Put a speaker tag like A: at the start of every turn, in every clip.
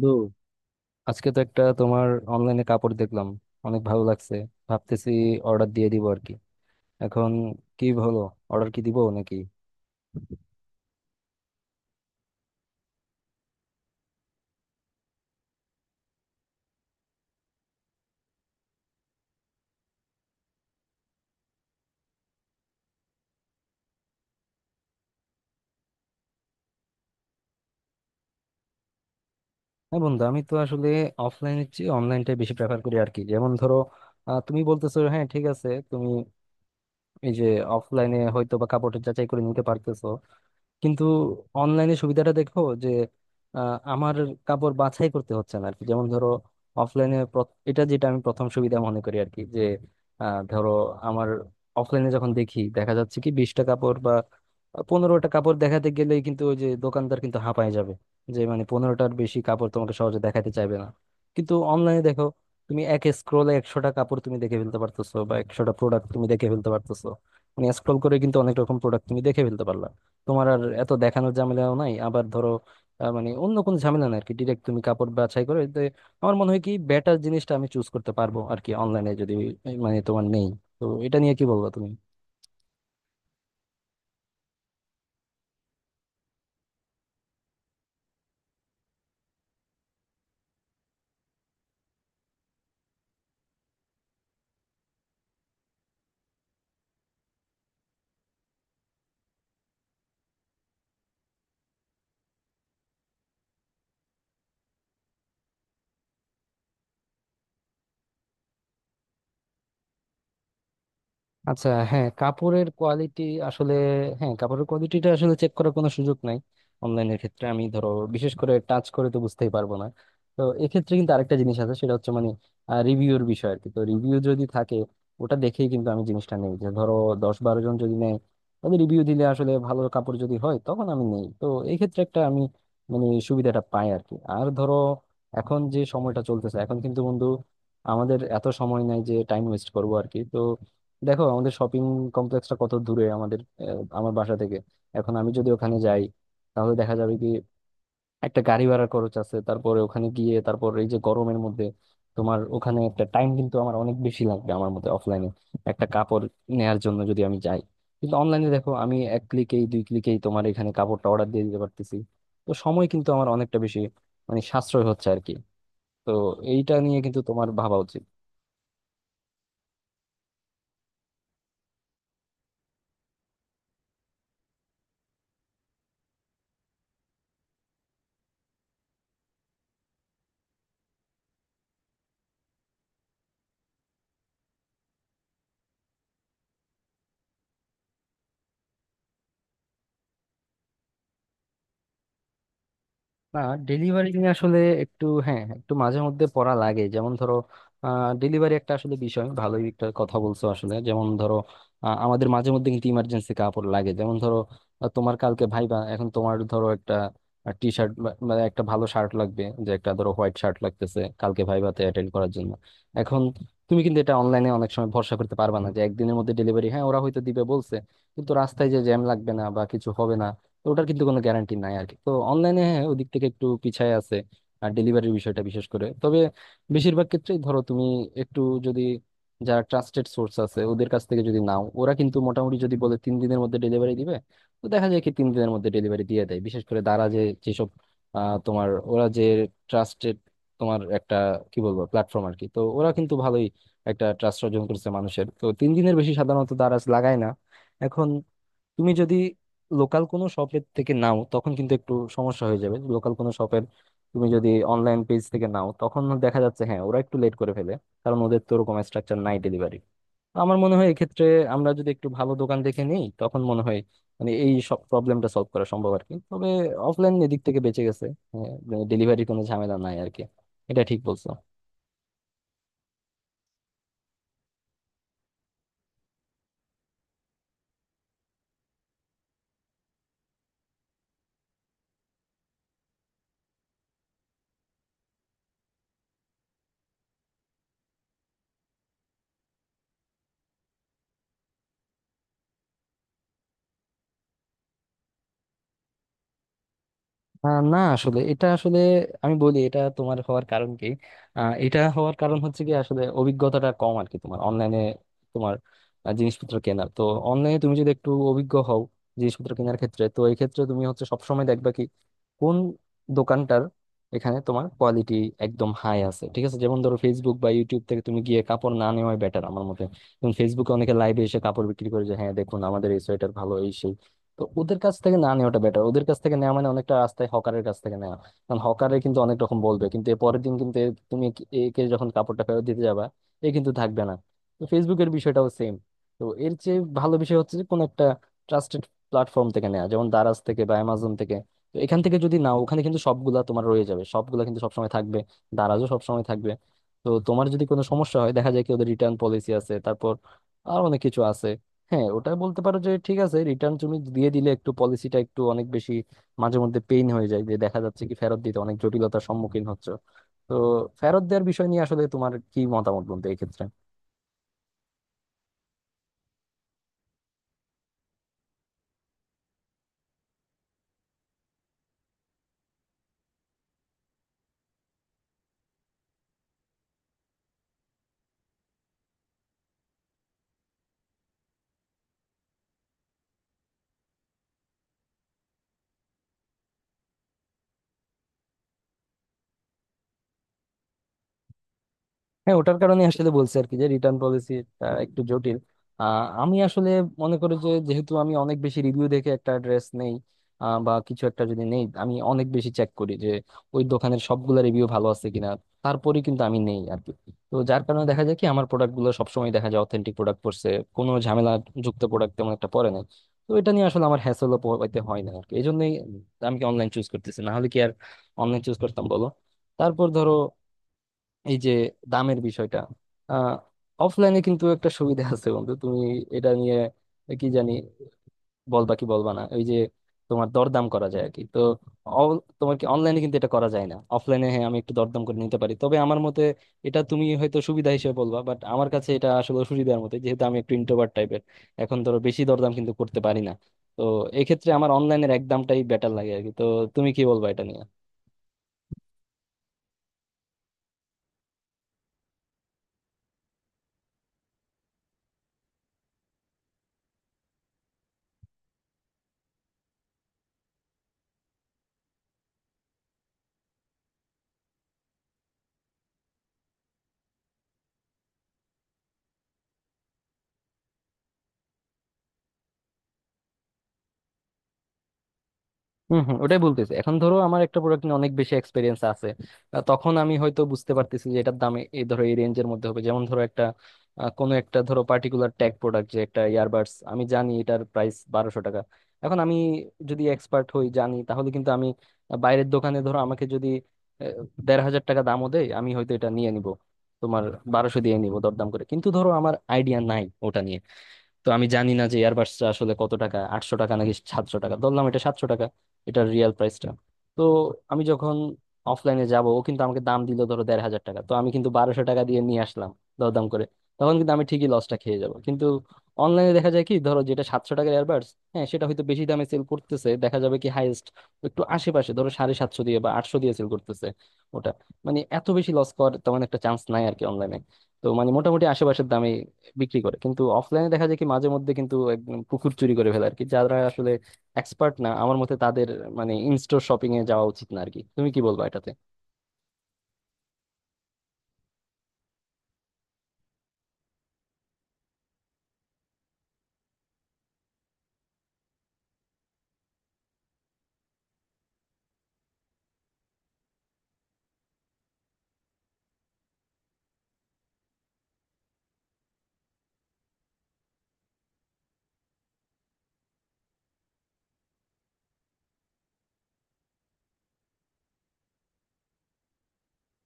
A: বন্ধু আজকে তো একটা তোমার অনলাইনে কাপড় দেখলাম, অনেক ভালো লাগছে, ভাবতেছি অর্ডার দিয়ে দিব আর কি। এখন কি হলো, অর্ডার কি দিব নাকি? হ্যাঁ বন্ধু, আমি তো আসলে অফলাইনের চেয়ে অনলাইনটা বেশি প্রেফার করি আর কি। যেমন ধরো, তুমি বলতেছো, হ্যাঁ ঠিক আছে, তুমি এই যে অফলাইনে হয়তো বা কাপড় যাচাই করে নিতে পারতেছো, কিন্তু অনলাইনে সুবিধাটা দেখো যে আমার কাপড় বাছাই করতে হচ্ছে না আর কি। যেমন ধরো অফলাইনে, এটা যেটা আমি প্রথম সুবিধা মনে করি আর কি, যে ধরো আমার অফলাইনে যখন দেখি, দেখা যাচ্ছে কি 20টা কাপড় বা 15টা কাপড় দেখাতে গেলেই কিন্তু ওই যে দোকানদার কিন্তু হাঁপায় যাবে, যে মানে 15টার বেশি কাপড় তোমাকে সহজে দেখাতে চাইবে না। কিন্তু অনলাইনে দেখো, তুমি এক স্ক্রোলে 100টা কাপড় তুমি দেখে ফেলতে পারতেছো বা 100টা প্রোডাক্ট তুমি দেখে ফেলতে পারতেছো, মানে স্ক্রল করে কিন্তু অনেক রকম প্রোডাক্ট তুমি দেখে ফেলতে পারলা। তোমার আর এত দেখানোর ঝামেলাও নাই। আবার ধরো মানে অন্য কোনো ঝামেলা নাই আর কি, ডিরেক্ট তুমি কাপড় বাছাই করে, তো আমার মনে হয় কি বেটার জিনিসটা আমি চুজ করতে পারবো আর কি অনলাইনে, যদি মানে তোমার নেই। তো এটা নিয়ে কি বলবো তুমি? আচ্ছা হ্যাঁ, কাপড়ের কোয়ালিটি আসলে, হ্যাঁ কাপড়ের কোয়ালিটিটা আসলে চেক করার কোনো সুযোগ নাই অনলাইনের ক্ষেত্রে। আমি ধরো বিশেষ করে টাচ করে তো বুঝতেই পারবো না। তো এক্ষেত্রে কিন্তু আরেকটা জিনিস আছে, সেটা হচ্ছে মানে রিভিউর বিষয় আর কি। তো রিভিউ যদি থাকে, ওটা দেখেই কিন্তু আমি জিনিসটা নেই। যে ধরো 10-12 জন যদি নেয়, তাহলে রিভিউ দিলে আসলে ভালো কাপড় যদি হয় তখন আমি নেই তো। এই ক্ষেত্রে একটা আমি মানে সুবিধাটা পাই আর কি। আর ধরো এখন যে সময়টা চলতেছে, এখন কিন্তু বন্ধু আমাদের এত সময় নাই যে টাইম ওয়েস্ট করবো আর কি। তো দেখো আমাদের শপিং কমপ্লেক্সটা কত দূরে আমাদের, আমার বাসা থেকে। এখন আমি যদি ওখানে যাই, তাহলে দেখা যাবে কি একটা গাড়ি ভাড়া খরচ আছে, তারপরে ওখানে গিয়ে তারপর এই যে গরমের মধ্যে তোমার ওখানে একটা টাইম কিন্তু আমার অনেক বেশি লাগবে আমার মতে অফলাইনে একটা কাপড় নেয়ার জন্য যদি আমি যাই। কিন্তু অনলাইনে দেখো আমি এক ক্লিকেই দুই ক্লিকেই তোমার এখানে কাপড়টা অর্ডার দিয়ে দিতে পারতেছি। তো সময় কিন্তু আমার অনেকটা বেশি মানে সাশ্রয় হচ্ছে আর কি। তো এইটা নিয়ে কিন্তু তোমার ভাবা উচিত। না, ডেলিভারি নিয়ে আসলে একটু হ্যাঁ একটু মাঝে মধ্যে পড়া লাগে। যেমন ধরো ডেলিভারি একটা আসলে বিষয় ভালোই একটা কথা বলছো আসলে। যেমন ধরো আমাদের মাঝে মধ্যে কিন্তু ইমার্জেন্সি কাপড় লাগে। যেমন ধরো তোমার কালকে ভাইবা, এখন তোমার ধরো একটা টি শার্ট, মানে একটা ভালো শার্ট লাগবে, যে একটা ধরো হোয়াইট শার্ট লাগতেছে কালকে ভাইভাতে অ্যাটেন্ড করার জন্য। এখন তুমি কিন্তু এটা অনলাইনে অনেক সময় ভরসা করতে পারবে না যে 1 দিনের মধ্যে ডেলিভারি, হ্যাঁ ওরা হয়তো দিবে বলছে, কিন্তু রাস্তায় যে জ্যাম লাগবে না বা কিছু হবে না, তো ওটার কিন্তু কোনো গ্যারান্টি নাই আর কি। তো অনলাইনে হ্যাঁ ওদিক থেকে একটু পিছায় আছে আর ডেলিভারির বিষয়টা বিশেষ করে। তবে বেশিরভাগ ক্ষেত্রেই ধরো তুমি একটু যদি, যারা ট্রাস্টেড সোর্স আছে ওদের কাছ থেকে যদি নাও, ওরা কিন্তু মোটামুটি যদি বলে 3 দিনের মধ্যে ডেলিভারি দিবে, তো দেখা যায় কি 3 দিনের মধ্যে ডেলিভারি দিয়ে দেয়। বিশেষ করে দ্বারা, যে যেসব তোমার ওরা যে ট্রাস্টেড তোমার একটা কি বলবো প্ল্যাটফর্ম আর কি, তো ওরা কিন্তু ভালোই একটা ট্রাস্ট অর্জন করছে মানুষের, তো 3 দিনের বেশি সাধারণত দ্বারা লাগায় না। এখন তুমি যদি লোকাল কোনো শপের থেকে নাও তখন কিন্তু একটু সমস্যা হয়ে যাবে। লোকাল কোনো শপের, তুমি যদি অনলাইন পেজ থেকে নাও, তখন দেখা যাচ্ছে হ্যাঁ ওরা একটু লেট করে ফেলে, কারণ ওদের তো ওরকম স্ট্রাকচার নাই ডেলিভারি। আমার মনে হয় এক্ষেত্রে আমরা যদি একটু ভালো দোকান দেখে নিই, তখন মনে হয় মানে এই সব প্রবলেমটা সলভ করা সম্ভব আর কি। তবে অফলাইন এদিক থেকে বেঁচে গেছে, ডেলিভারি কোনো ঝামেলা নাই আর কি, এটা ঠিক বলছো। না আসলে এটা আসলে আমি বলি, এটা তোমার হওয়ার কারণ কি, এটা হওয়ার কারণ হচ্ছে কি আসলে অভিজ্ঞতাটা কম আর কি তোমার অনলাইনে তোমার জিনিসপত্র কেনার। তো অনলাইনে তুমি যদি একটু অভিজ্ঞ হও জিনিসপত্র কেনার ক্ষেত্রে, তো এই ক্ষেত্রে তুমি হচ্ছে সবসময় দেখবা কি কোন দোকানটার এখানে তোমার কোয়ালিটি একদম হাই আছে, ঠিক আছে? যেমন ধরো ফেসবুক বা ইউটিউব থেকে তুমি গিয়ে কাপড় না নেওয়াই বেটার আমার মতে। যেমন ফেসবুকে অনেকে লাইভে এসে কাপড় বিক্রি করে, যে হ্যাঁ দেখুন আমাদের এই সোয়েটার ভালো এই সেই, তো ওদের কাছ থেকে না নেওয়াটা বেটার। ওদের কাছ থেকে নেওয়া মানে অনেকটা রাস্তায় হকারের কাছ থেকে নেওয়া। কারণ হকারে কিন্তু অনেক রকম বলবে, কিন্তু এর পরের দিন কিন্তু তুমি একে একে যখন কাপড়টা ফেরত দিতে যাবা, এ কিন্তু থাকবে না। তো ফেসবুকের বিষয়টাও সেম। তো এর চেয়ে ভালো বিষয় হচ্ছে যে কোনো একটা ট্রাস্টেড প্ল্যাটফর্ম থেকে নেওয়া, যেমন দারাজ থেকে বা অ্যামাজন থেকে। তো এখান থেকে যদি নাও, ওখানে কিন্তু সবগুলা তোমার রয়ে যাবে, সবগুলা কিন্তু সবসময় থাকবে, দারাজও সবসময় থাকবে। তো তোমার যদি কোনো সমস্যা হয়, দেখা যায় কি ওদের রিটার্ন পলিসি আছে, তারপর আর অনেক কিছু আছে। হ্যাঁ ওটা বলতে পারো যে ঠিক আছে, রিটার্ন তুমি দিয়ে দিলে একটু পলিসিটা একটু অনেক বেশি মাঝে মধ্যে পেইন হয়ে যায়, যে দেখা যাচ্ছে কি ফেরত দিতে অনেক জটিলতার সম্মুখীন হচ্ছে। তো ফেরত দেওয়ার বিষয় নিয়ে আসলে তোমার কি মতামত বলতে এই ক্ষেত্রে? হ্যাঁ ওটার কারণে আসলে বলছি আর কি যে রিটার্ন পলিসিটা একটু জটিল। আহ, আমি আসলে মনে করি যে যেহেতু আমি অনেক বেশি রিভিউ দেখে একটা ড্রেস নেই বা কিছু একটা যদি নেই, আমি অনেক বেশি চেক করি যে ওই দোকানের সবগুলা রিভিউ ভালো আছে কিনা, তারপরে কিন্তু আমি নেই আর কি। তো যার কারণে দেখা যায় কি আমার প্রোডাক্ট গুলো সবসময় দেখা যায় অথেন্টিক প্রোডাক্ট পড়ছে, কোনো ঝামেলা যুক্ত প্রোডাক্ট তেমন একটা পড়ে না। তো এটা নিয়ে আসলে আমার হ্যাসেলও পোহাইতে হয় না আর কি। এই জন্যই আমি কি অনলাইন চুজ করতেছি, না হলে কি আর অনলাইন চুজ করতাম বলো। তারপর ধরো এই যে দামের বিষয়টা, আহ অফলাইনে কিন্তু একটা সুবিধা আছে বন্ধু। তুমি এটা নিয়ে কি জানি বলবা কি বলবা না, ওই যে তোমার দরদাম করা যায় আর কি। তো তোমার কি অনলাইনে কিন্তু এটা করা যায় না, অফলাইনে হ্যাঁ আমি একটু দরদাম করে নিতে পারি। তবে আমার মতে এটা তুমি হয়তো সুবিধা হিসেবে বলবা, বাট আমার কাছে এটা আসলে সুবিধার মতো, যেহেতু আমি একটু ইন্ট্রোভার্ট টাইপের। এখন ধরো বেশি দরদাম কিন্তু করতে পারি না, তো এক্ষেত্রে আমার অনলাইনের এক দামটাই বেটার লাগে আর কি। তো তুমি কি বলবা এটা নিয়ে? হম হম, ওটাই বলতেছি। এখন ধরো আমার একটা প্রোডাক্ট নিয়ে অনেক বেশি এক্সপিরিয়েন্স আছে, তখন আমি হয়তো বুঝতে পারতেছি যে এটার দামে এই ধরো এই রেঞ্জের মধ্যে হবে। যেমন ধরো একটা কোনো একটা ধরো পার্টিকুলার ট্যাগ প্রোডাক্ট, যে একটা ইয়ারবাডস আমি জানি এটার প্রাইস 1,200 টাকা। এখন আমি যদি এক্সপার্ট হই, জানি, তাহলে কিন্তু আমি বাইরের দোকানে ধরো আমাকে যদি আহ, 1,500 টাকা দামও দেয়, আমি হয়তো এটা নিয়ে নিব তোমার 1,200 দিয়ে নিব দরদাম করে। কিন্তু ধরো আমার আইডিয়া নাই ওটা নিয়ে, তো আমি জানি না যে এয়ারবাসটা আসলে কত টাকা, 800 টাকা নাকি 700 টাকা, ধরলাম এটা 700 টাকা এটার রিয়েল প্রাইসটা। তো আমি যখন অফলাইনে যাব, ও কিন্তু আমাকে দাম দিল ধরো 1,500 টাকা, তো আমি কিন্তু 1,200 টাকা দিয়ে নিয়ে আসলাম দরদাম করে, তখন কিন্তু আমি ঠিকই লসটা খেয়ে যাব। কিন্তু অনলাইনে দেখা যায় কি ধরো যেটা 700 টাকার এয়ারবাডস, হ্যাঁ সেটা হয়তো বেশি দামে সেল করতেছে, দেখা যাবে কি হাইয়েস্ট একটু আশেপাশে ধরো 750 দিয়ে বা 800 দিয়ে সেল করতেছে ওটা, মানে এত বেশি লস করার তেমন একটা চান্স নাই আর কি অনলাইনে। তো মানে মোটামুটি আশেপাশের দামে বিক্রি করে। কিন্তু অফলাইনে দেখা যায় কি মাঝে মধ্যে কিন্তু একদম পুকুর চুরি করে ফেলে আর কি। যারা আসলে এক্সপার্ট না আমার মতে তাদের মানে ইনস্টোর শপিং এ যাওয়া উচিত না আর কি। তুমি কি বলবো এটাতে?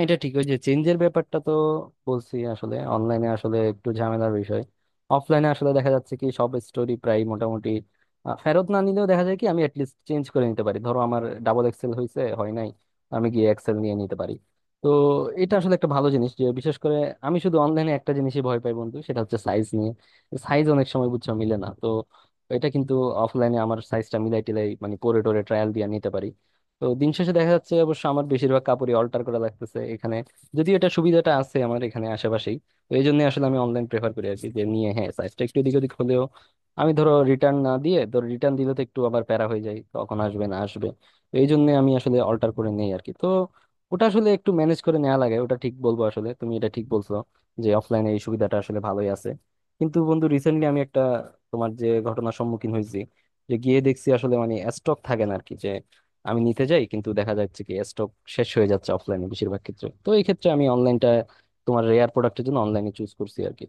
A: এটা ঠিক, ওই যে চেঞ্জের ব্যাপারটা, তো বলছি আসলে অনলাইনে আসলে একটু ঝামেলার বিষয়। অফলাইনে আসলে দেখা যাচ্ছে কি সব স্টোরি প্রায় মোটামুটি ফেরত না নিলেও দেখা যায় কি আমি অ্যাটলিস্ট চেঞ্জ করে নিতে পারি। ধরো আমার ডাবল এক্সেল হয়েছে, হয় নাই, আমি গিয়ে এক্সেল নিয়ে নিতে পারি। তো এটা আসলে একটা ভালো জিনিস, যে বিশেষ করে আমি শুধু অনলাইনে একটা জিনিসই ভয় পাই বন্ধু, সেটা হচ্ছে সাইজ নিয়ে। সাইজ অনেক সময় বুঝছো মিলে না, তো এটা কিন্তু অফলাইনে আমার সাইজটা মিলাই টিলাই মানে করে টোরে ট্রায়াল দিয়ে নিতে পারি। তো দিন শেষে দেখা যাচ্ছে অবশ্য আমার বেশিরভাগ কাপড়ই অল্টার করা লাগতেছে এখানে, যদিও এটা সুবিধাটা আছে আমার এখানে আশেপাশেই। তো এই জন্য আসলে আমি অনলাইন প্রেফার করি আর কি, যে নিয়ে হ্যাঁ সাইজটা একটু এদিক ওদিক হলেও আমি ধরো রিটার্ন না দিয়ে, ধরো রিটার্ন দিলে তো একটু আবার প্যারা হয়ে যায় কখন আসবে না আসবে, তো এই জন্য আমি আসলে অল্টার করে নেই আর কি। তো ওটা আসলে একটু ম্যানেজ করে নেওয়া লাগে ওটা ঠিক বলবো। আসলে তুমি এটা ঠিক বলছো যে অফলাইনে এই সুবিধাটা আসলে ভালোই আছে। কিন্তু বন্ধু রিসেন্টলি আমি একটা তোমার যে ঘটনার সম্মুখীন হয়েছি, যে গিয়ে দেখছি আসলে মানে স্টক থাকে না আর কি। আমি নিতে যাই কিন্তু দেখা যাচ্ছে কি স্টক শেষ হয়ে যাচ্ছে অফলাইনে বেশিরভাগ ক্ষেত্রে, তো এই ক্ষেত্রে আমি অনলাইনটা তোমার রেয়ার প্রোডাক্টের জন্য অনলাইনে চুজ করছি আর কি।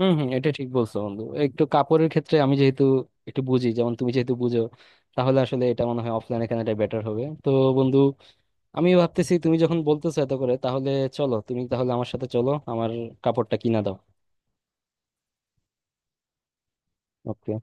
A: হম হম, এটা ঠিক বলছো বন্ধু। একটু কাপড়ের ক্ষেত্রে আমি যেহেতু একটু বুঝি, যেমন তুমি যেহেতু বুঝো, তাহলে আসলে এটা মনে হয় অফলাইনে কেনাটা বেটার হবে। তো বন্ধু আমি ভাবতেছি তুমি যখন বলতেছো এত করে, তাহলে চলো, তুমি তাহলে আমার সাথে চলো, আমার কাপড়টা কিনা দাও। Okay.